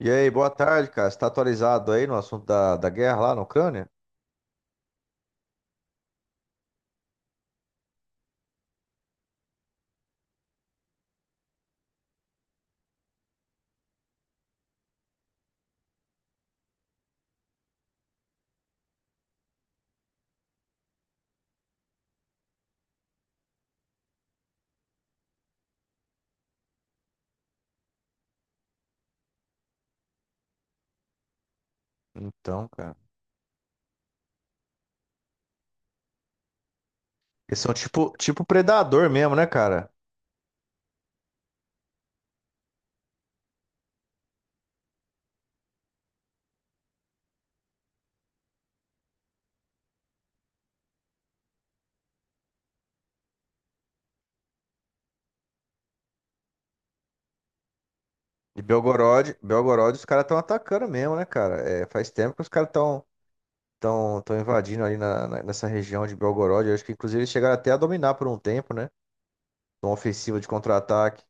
E aí, boa tarde, cara. Você tá atualizado aí no assunto da guerra lá na Ucrânia? Então, cara. Eles são tipo predador mesmo, né, cara? E Belgorod, os caras estão atacando mesmo, né, cara? É, faz tempo que os caras estão tão invadindo ali nessa região de Belgorod. Eu acho que, inclusive, eles chegaram até a dominar por um tempo, né? Uma ofensiva de contra-ataque.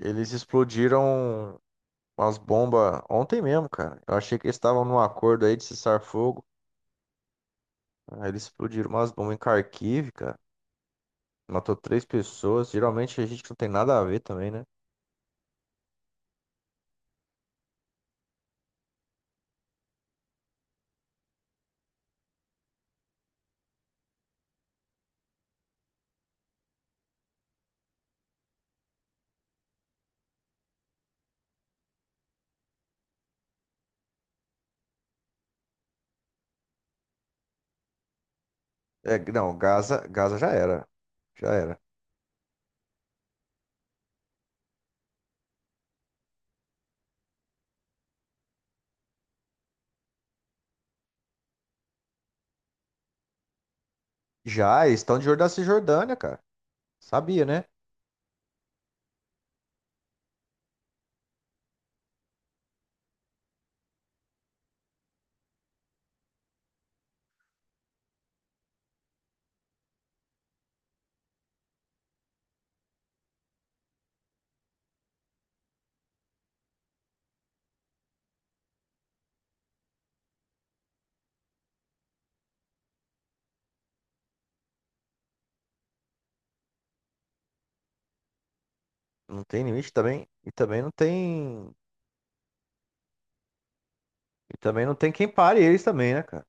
Eles explodiram umas bombas ontem mesmo, cara. Eu achei que eles estavam num acordo aí de cessar fogo. Aí eles explodiram umas bombas em Kharkiv, cara. Matou três pessoas. Geralmente a gente não tem nada a ver também, né? É, não, Gaza já era. Já era. Já, eles estão de olho da Cisjordânia, cara. Sabia, né? Não tem limite também. E também não tem. E também não tem quem pare eles também, né, cara?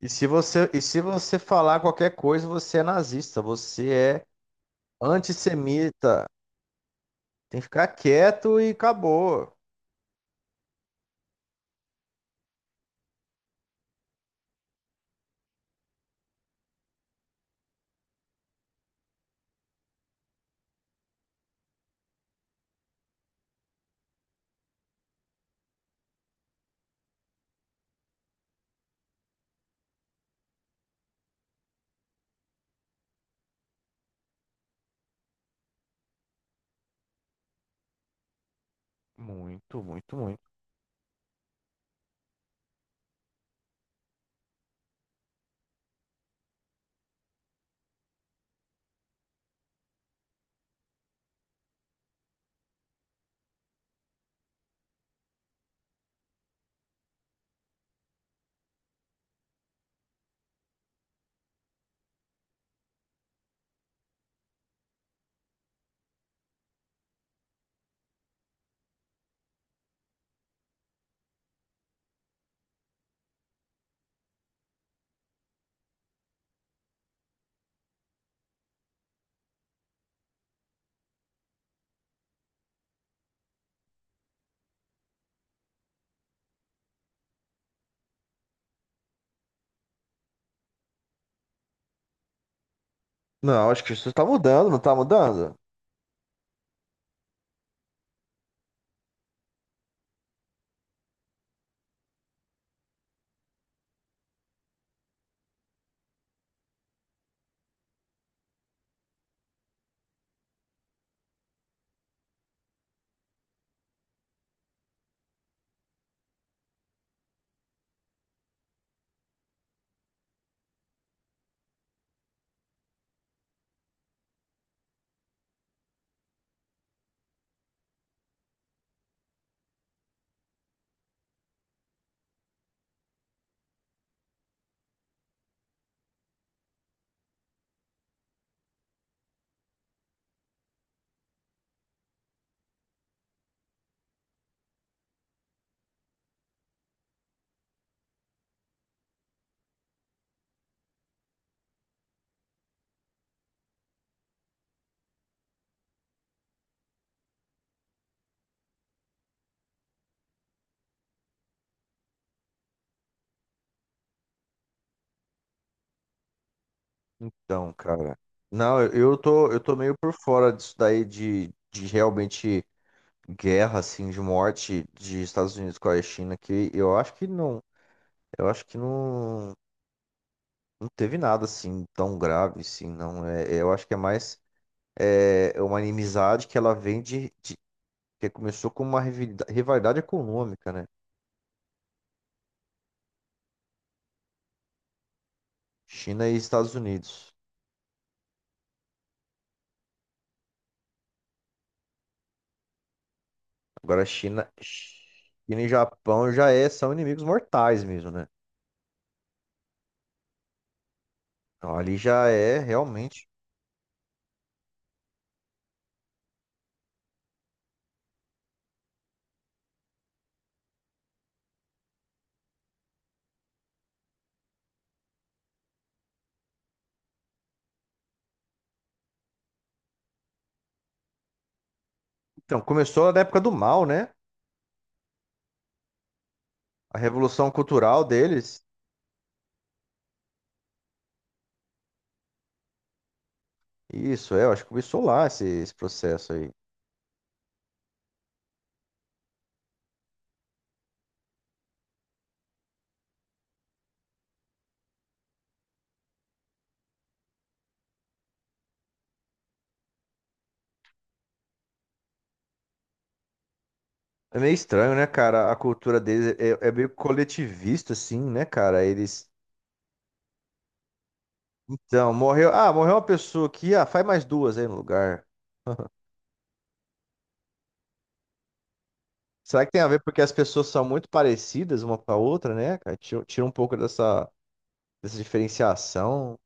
E se você falar qualquer coisa, você é nazista, você é antissemita. Tem que ficar quieto e acabou. Muito, muito, muito. Não, acho que isso tá mudando, não tá mudando? Então, cara. Não, eu tô meio por fora disso daí de realmente guerra, assim, de morte de Estados Unidos com a China, que eu acho que não, não teve nada, assim, tão grave, assim, não. É, eu acho que é mais é uma inimizade que ela vem que começou com uma rivalidade econômica, né? China e Estados Unidos. Agora, China e Japão já são inimigos mortais mesmo, né? Então, ali já é realmente. Então, começou na época do Mao, né? A revolução cultural deles. Isso, é, eu acho que começou lá esse processo aí. É meio estranho, né, cara? A cultura deles é meio coletivista, assim, né, cara? Eles. Então, morreu. Ah, morreu uma pessoa aqui. Ah, faz mais duas aí no lugar. Será que tem a ver porque as pessoas são muito parecidas uma com a outra, né, cara? Tira um pouco dessa, diferenciação.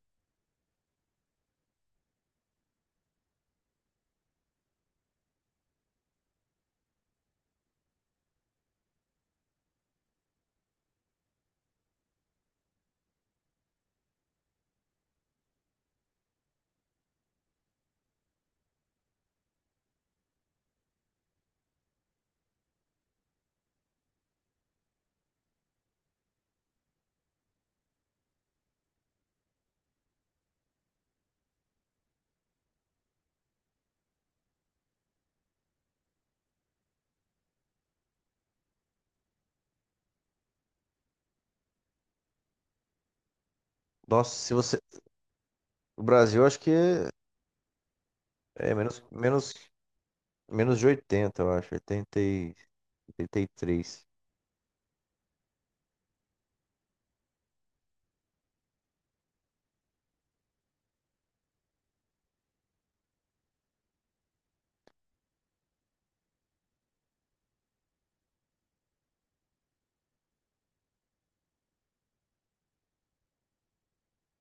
Nossa, se você. O Brasil, acho que é menos de 80, eu acho. 83.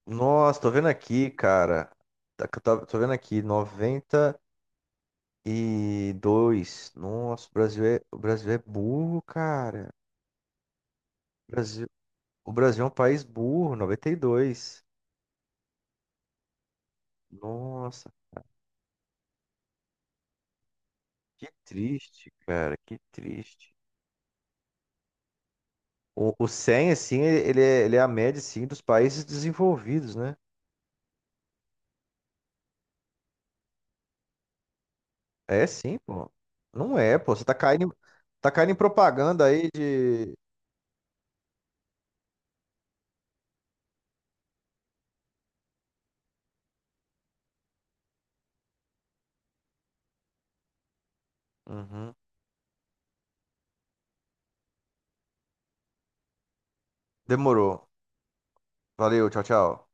Nossa, tô vendo aqui, cara. Tô vendo aqui, 92. Nossa, o Brasil é burro, cara. O Brasil, o Brasil é um país burro, 92. Nossa, que triste, cara, que triste. O 100, assim, ele é a média, assim, dos países desenvolvidos, né? É sim, pô. Não é, pô. Você tá caindo em propaganda aí de... Uhum. Demorou. Valeu, tchau, tchau.